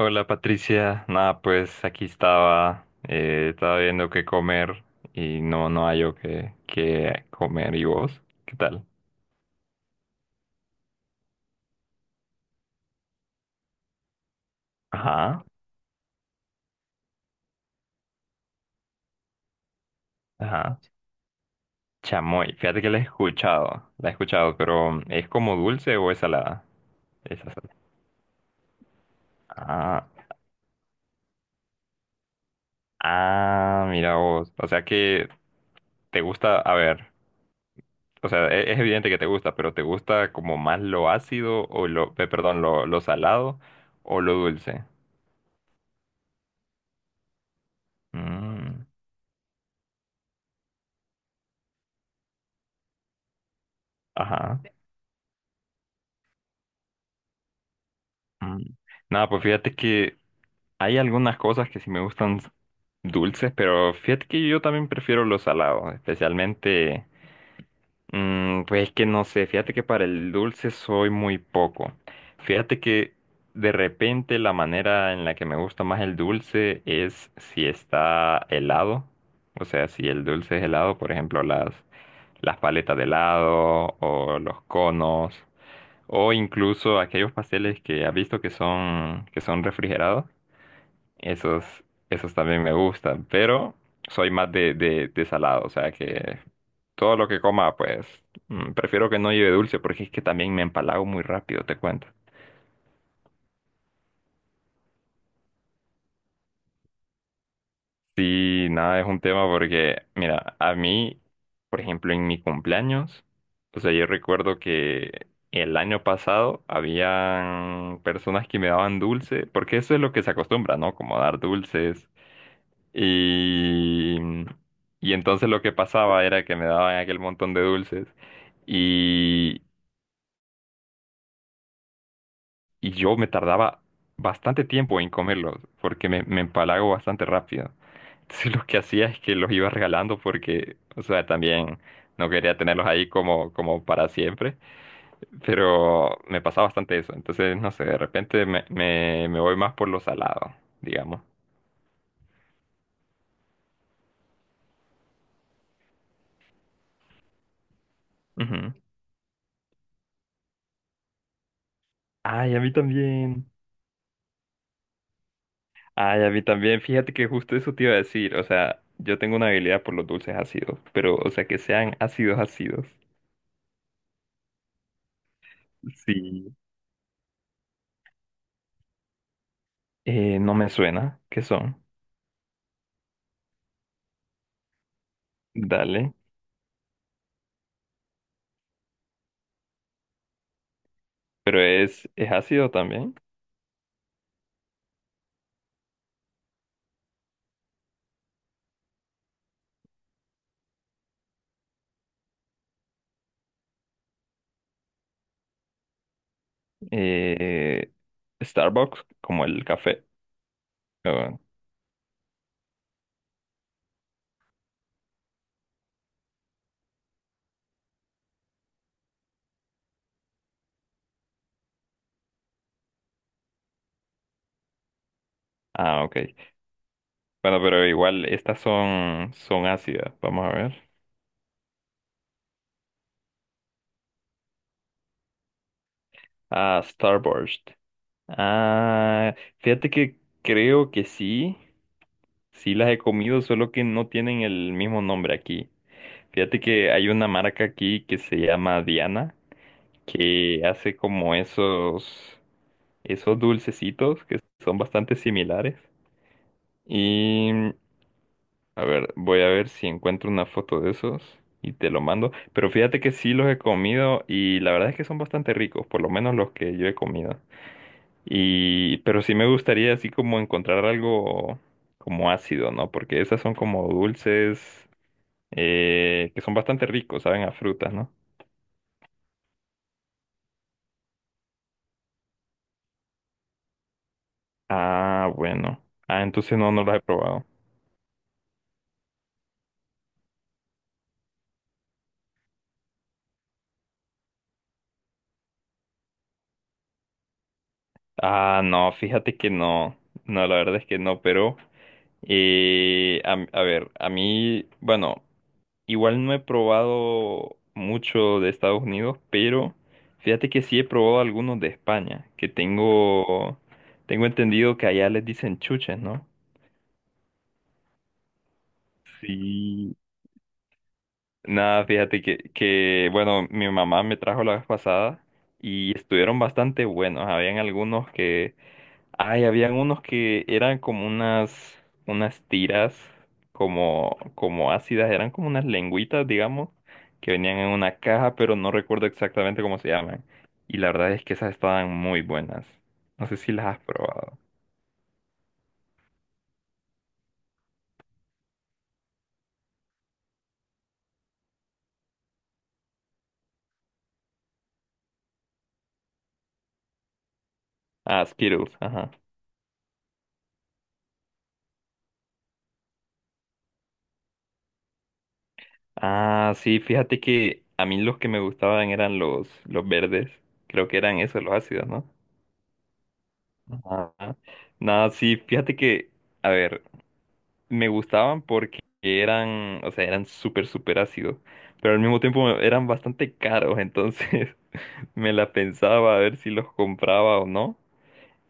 Hola Patricia, nada pues aquí estaba, estaba viendo qué comer y no hallo qué comer y vos, ¿qué tal? Ajá, ajá, chamoy, fíjate que la he escuchado, pero ¿es como dulce o es salada? Es salada. Ah, ah, mira vos, o sea que te gusta, a ver, o sea, es, evidente que te gusta, pero ¿te gusta como más lo ácido o perdón, lo salado o lo dulce? Mm, ajá. Mm. Nada, pues fíjate que hay algunas cosas que sí me gustan dulces, pero fíjate que yo también prefiero los salados, especialmente, pues es que no sé, fíjate que para el dulce soy muy poco. Fíjate que de repente la manera en la que me gusta más el dulce es si está helado, o sea, si el dulce es helado, por ejemplo, las paletas de helado o los conos. O incluso aquellos pasteles que ha visto que son, refrigerados, esos, esos también me gustan, pero soy más de salado, o sea que todo lo que coma, pues prefiero que no lleve dulce porque es que también me empalago muy rápido, te cuento. Sí, nada, es un tema porque, mira, a mí, por ejemplo, en mi cumpleaños, o sea, yo recuerdo que el año pasado habían personas que me daban dulce, porque eso es lo que se acostumbra, ¿no? Como dar dulces. Y, y entonces lo que pasaba era que me daban aquel montón de dulces y, y yo me tardaba bastante tiempo en comerlos porque me empalago bastante rápido. Entonces lo que hacía es que los iba regalando porque, o sea, también no quería tenerlos ahí como para siempre, pero me pasaba bastante eso. Entonces, no sé, de repente me voy más por lo salado, digamos. Ujú. Ay, a mí también. Ay, a mí también, fíjate que justo eso te iba a decir, o sea, yo tengo una habilidad por los dulces ácidos, pero, o sea, que sean ácidos ácidos. Sí. No me suena, ¿qué son? Dale, pero es ácido también. Eh, Starbucks, como el café. Oh, ah, ok. Bueno, pero igual, estas son, ácidas, vamos a ver. Ah, Starburst. Ah, fíjate que creo que sí. Sí las he comido, solo que no tienen el mismo nombre aquí. Fíjate que hay una marca aquí que se llama Diana, que hace como esos dulcecitos que son bastante similares. Y a ver, voy a ver si encuentro una foto de esos y te lo mando. Pero fíjate que sí los he comido y la verdad es que son bastante ricos, por lo menos los que yo he comido. Y, pero sí me gustaría así como encontrar algo como ácido, ¿no? Porque esas son como dulces que son bastante ricos, saben a frutas, ¿no? Ah, bueno. Ah, entonces no los he probado. Ah, no, fíjate que no. No, la verdad es que no, pero a ver, a mí, bueno, igual no he probado mucho de Estados Unidos, pero fíjate que sí he probado algunos de España, que tengo entendido que allá les dicen chuches, ¿no? Sí, nada, fíjate que, bueno, mi mamá me trajo la vez pasada y estuvieron bastante buenos. Habían algunos que, ay, habían unos que eran como unas tiras, como ácidas, eran como unas lengüitas, digamos, que venían en una caja, pero no recuerdo exactamente cómo se llaman. Y la verdad es que esas estaban muy buenas. No sé si las has probado. Ah, Skittles, ajá. Ah, sí, fíjate que a mí los que me gustaban eran los verdes. Creo que eran esos, los ácidos, ¿no? Ajá. Nada, sí, fíjate que, a ver, me gustaban porque eran, o sea, eran súper, súper ácidos, pero al mismo tiempo eran bastante caros, entonces me la pensaba a ver si los compraba o no.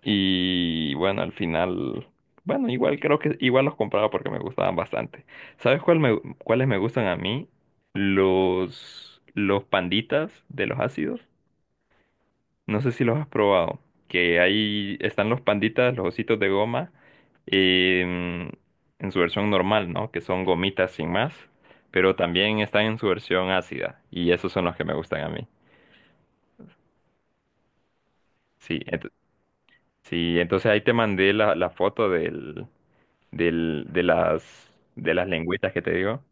Y bueno, al final, bueno, igual creo que igual los compraba porque me gustaban bastante. ¿Sabes cuáles me gustan a mí? Los panditas de los ácidos. No sé si los has probado. Que ahí están los panditas, los ositos de goma, em, en su versión normal, ¿no? Que son gomitas sin más. Pero también están en su versión ácida. Y esos son los que me gustan a mí. Sí, sí, entonces ahí te mandé la foto de las lengüitas que te digo,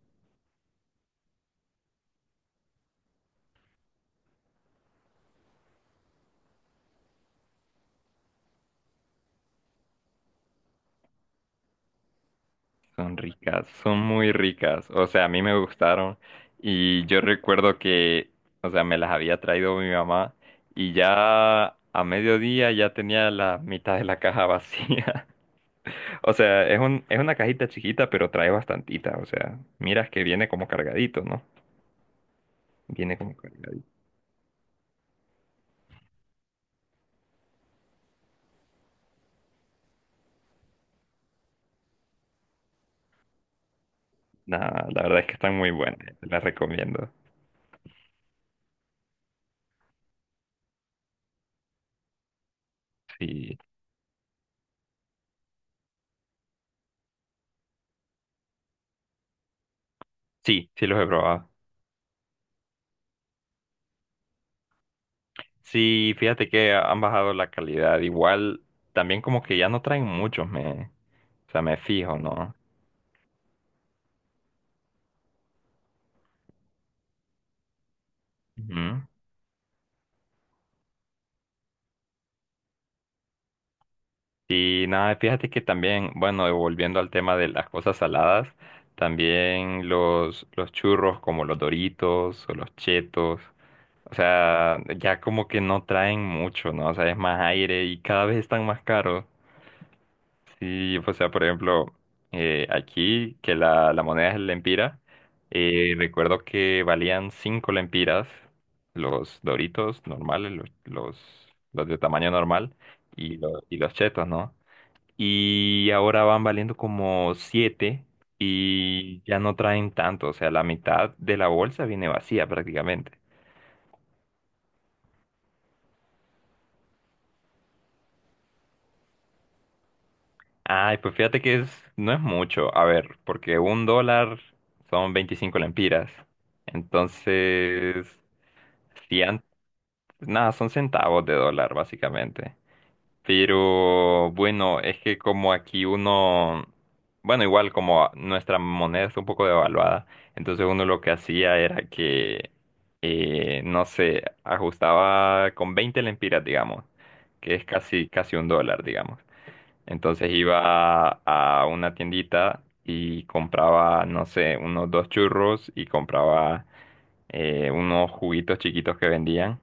son ricas, son muy ricas. O sea, a mí me gustaron y yo recuerdo que, o sea, me las había traído mi mamá y ya a mediodía ya tenía la mitad de la caja vacía. O sea, es una cajita chiquita, pero trae bastantita. O sea, miras que viene como cargadito, ¿no? Viene como cargadito. Nah, la verdad es que están muy buenas, te las recomiendo. Sí, sí, sí los he probado. Sí, fíjate que han bajado la calidad. Igual, también como que ya no traen muchos, o sea, me fijo, ¿no? Ujú. Y nada, fíjate que también, bueno, y volviendo al tema de las cosas saladas, también los churros como los Doritos o los Chetos, o sea, ya como que no traen mucho, ¿no? O sea, es más aire y cada vez están más caros. Sí, o sea, por ejemplo, aquí que la moneda es el lempira, recuerdo que valían 5 lempiras los Doritos normales, los de tamaño normal y, los chetos, ¿no? Y ahora van valiendo como 7 y ya no traen tanto, o sea, la mitad de la bolsa viene vacía prácticamente. Ay, pues fíjate que no es mucho. A ver, porque un dólar son 25 lempiras. Entonces, si nada, son centavos de dólar, básicamente. Pero bueno, es que como aquí uno, bueno, igual como nuestra moneda está un poco devaluada, entonces uno lo que hacía era que, no sé, ajustaba con 20 lempiras, digamos, que es casi, casi un dólar, digamos. Entonces iba a una tiendita y compraba, no sé, unos dos churros y compraba unos juguitos chiquitos que vendían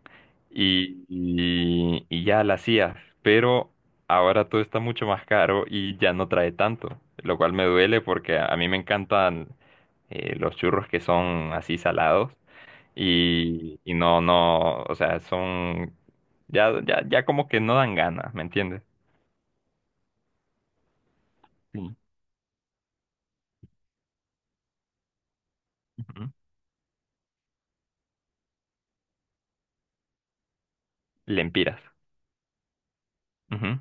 y ya la hacía. Pero ahora todo está mucho más caro y ya no trae tanto, lo cual me duele porque a mí me encantan los churros que son así salados y no, o sea, ya, ya, ya como que no dan ganas, ¿me entiendes? Sí. Lempiras. Ujú,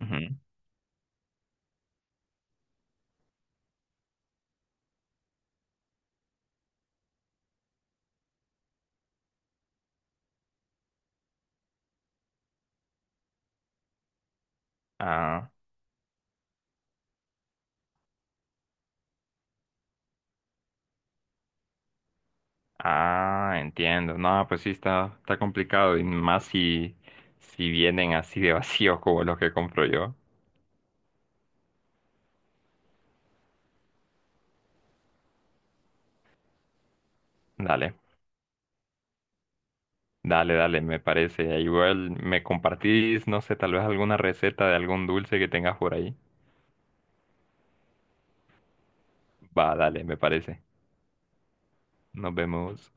ujú. Ah, ah, entiendo. No, pues sí, está complicado. Y más si vienen así de vacíos como los que compro yo. Dale, dale, dale, me parece. Igual me compartís, no sé, tal vez alguna receta de algún dulce que tengas por ahí. Va, dale, me parece. Nos vemos.